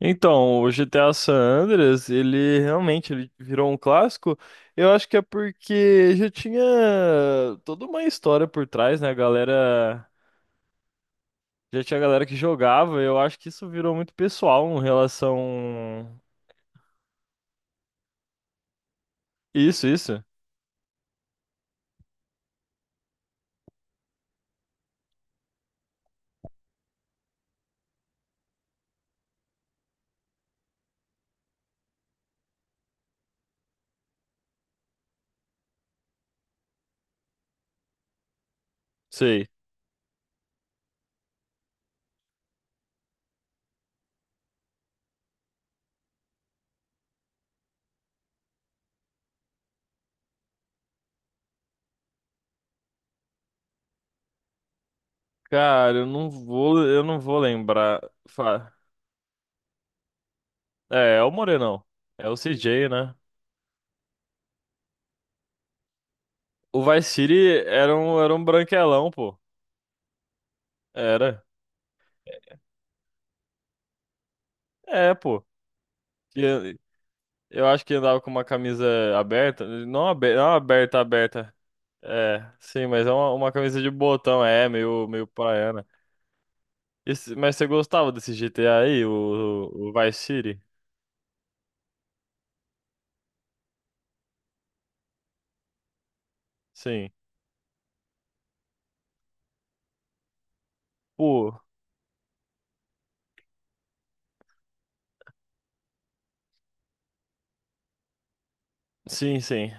Então, o GTA San Andreas, ele realmente ele virou um clássico. Eu acho que é porque já tinha toda uma história por trás, né? Já tinha galera que jogava. Eu acho que isso virou muito pessoal em relação isso, isso. Sei. Cara, eu não vou lembrar. Fa- É, é o Morenão. É o CJ, né? O Vice City era um branquelão, pô. Era. É, pô. Eu acho que andava com uma camisa aberta. Não aberta, aberta. É, sim, mas é uma camisa de botão, é, meio praiana. Mas você gostava desse GTA aí, o Vice City? Sim. Pô, sim, sim.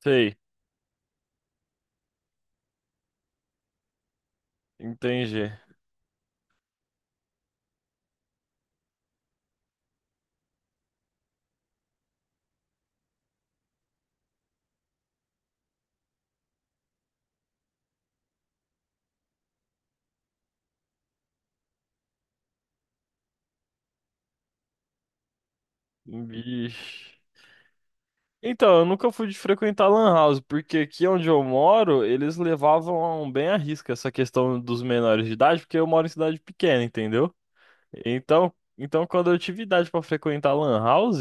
Sei, entendi. Vixe. Então, eu nunca fui de frequentar Lan House, porque aqui onde eu moro, eles levavam bem à risca essa questão dos menores de idade, porque eu moro em cidade pequena, entendeu? Então quando eu tive idade pra frequentar Lan House,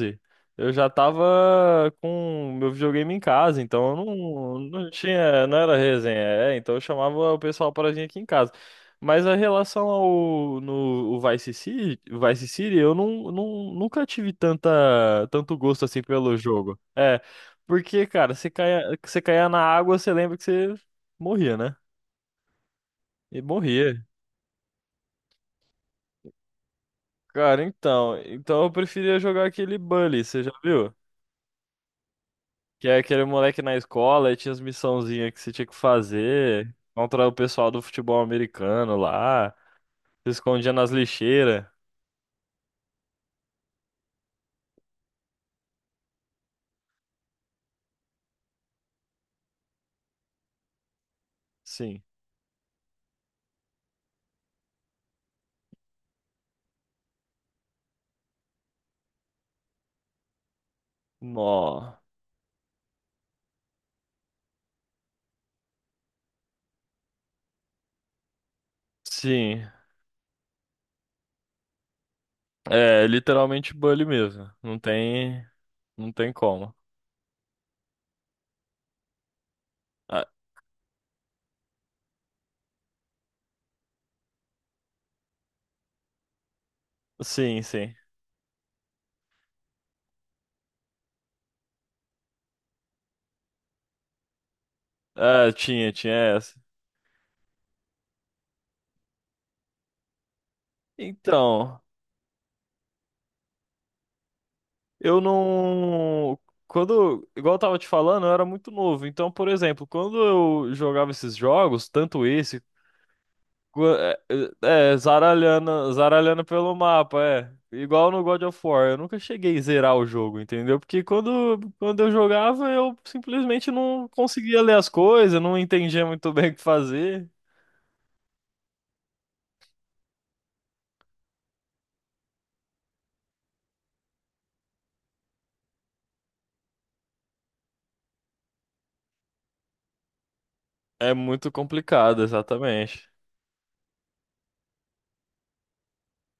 eu já tava com meu videogame em casa, então eu não tinha, não era resenha, é, então eu chamava o pessoal para vir aqui em casa. Mas a relação ao no o Vice City, Vice City, eu não, nunca tive tanta, tanto gosto assim pelo jogo. É, porque, cara, você caia na água, você lembra que você morria, né? E morria. Cara, então eu preferia jogar aquele Bully, você já viu? Que é aquele moleque na escola e tinha as missãozinhas que você tinha que fazer contra o pessoal do futebol americano lá. Se escondia nas lixeiras. Sim. Nó. Sim. É, literalmente bully mesmo. Não tem. Não tem como. Ah, sim, sim. Ah, tinha, tinha essa. Então, eu não. Quando, igual eu tava te falando, eu era muito novo. Então, por exemplo, quando eu jogava esses jogos, tanto esse É, é, é, zaralhando, zaralhando pelo mapa, é. Igual no God of War, eu nunca cheguei a zerar o jogo, entendeu? Porque quando eu jogava, eu simplesmente não conseguia ler as coisas, não entendia muito bem o que fazer. É muito complicado, exatamente.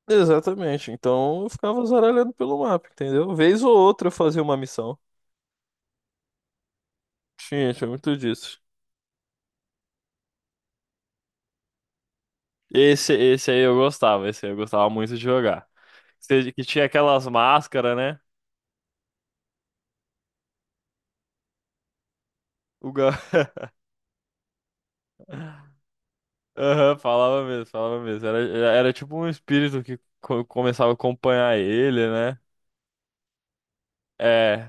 Exatamente, então eu ficava zaralhando pelo mapa, entendeu? Vez ou outra eu fazia uma missão. Tinha, tinha muito disso. Esse aí eu gostava, esse aí eu gostava muito de jogar. Que tinha aquelas máscaras, né? O, ga- Aham, falava mesmo, falava mesmo. Era, era tipo um espírito que começava a acompanhar ele, né? É,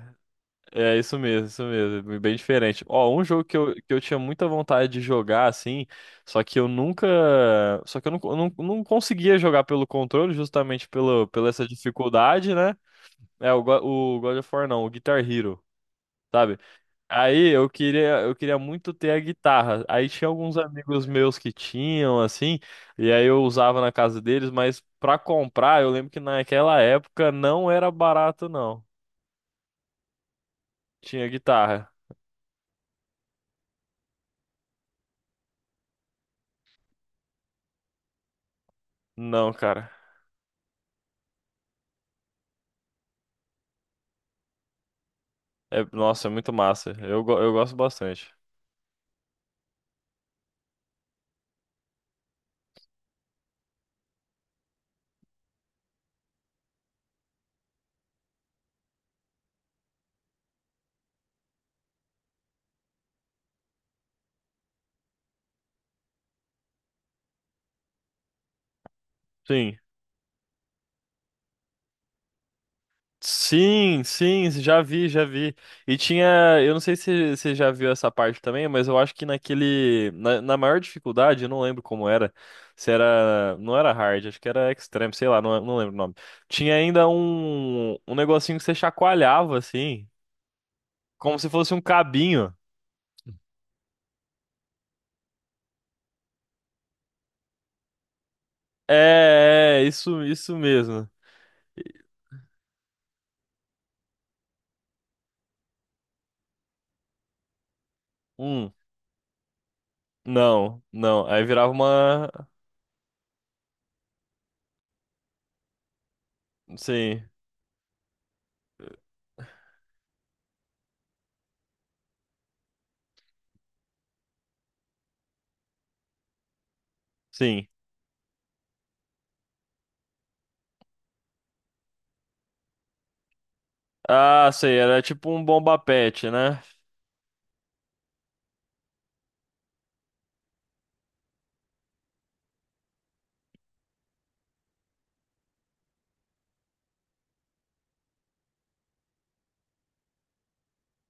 é isso mesmo, isso mesmo. Bem diferente. Ó, um jogo que eu tinha muita vontade de jogar, assim, só que eu nunca. Só que eu não conseguia jogar pelo controle, justamente pela essa dificuldade, né? É, o God of War não, o Guitar Hero. Sabe? Aí eu queria muito ter a guitarra. Aí tinha alguns amigos meus que tinham, assim, e aí eu usava na casa deles, mas pra comprar, eu lembro que naquela época não era barato, não. Tinha guitarra. Não, cara. É, nossa, é muito massa. Eu gosto bastante. Sim. Sim, sim, já vi, já vi. E tinha, eu não sei se você já viu essa parte também, mas eu acho que naquele, na maior dificuldade, eu não lembro como era, se era, não era hard, acho que era extreme, sei lá, não, não lembro o nome. Tinha ainda um negocinho que você chacoalhava assim, como se fosse um cabinho. Isso, isso mesmo. Hum, não, não, aí virava uma, sim, sim. Ah, sei, era tipo um bomba pet, né?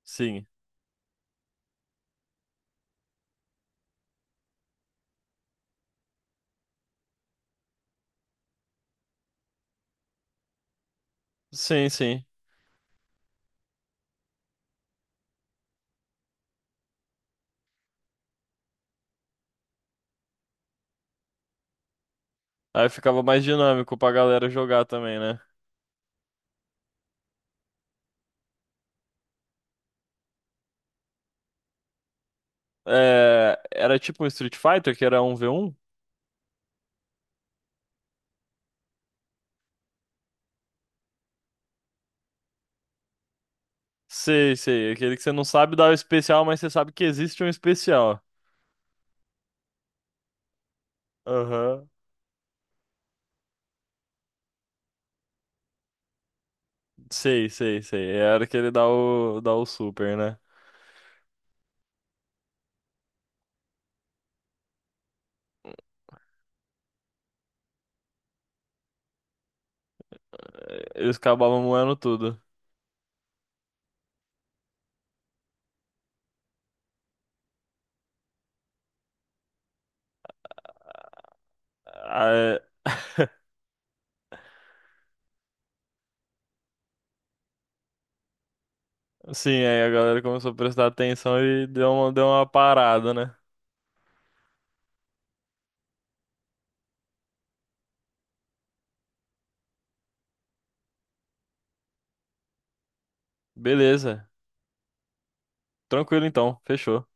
Sim. Sim, sim. Aí ficava mais dinâmico pra galera jogar também, né? É, era tipo um Street Fighter, que era um v um. Sei, sei. Aquele que você não sabe dar o especial, mas você sabe que existe um especial. Aham. Sei, sei, sei. Era que ele dá o, dá o super, né? Eles acabavam moendo tudo. Aí, sim, aí a galera começou a prestar atenção e deu uma parada, né? Beleza. Tranquilo então. Fechou.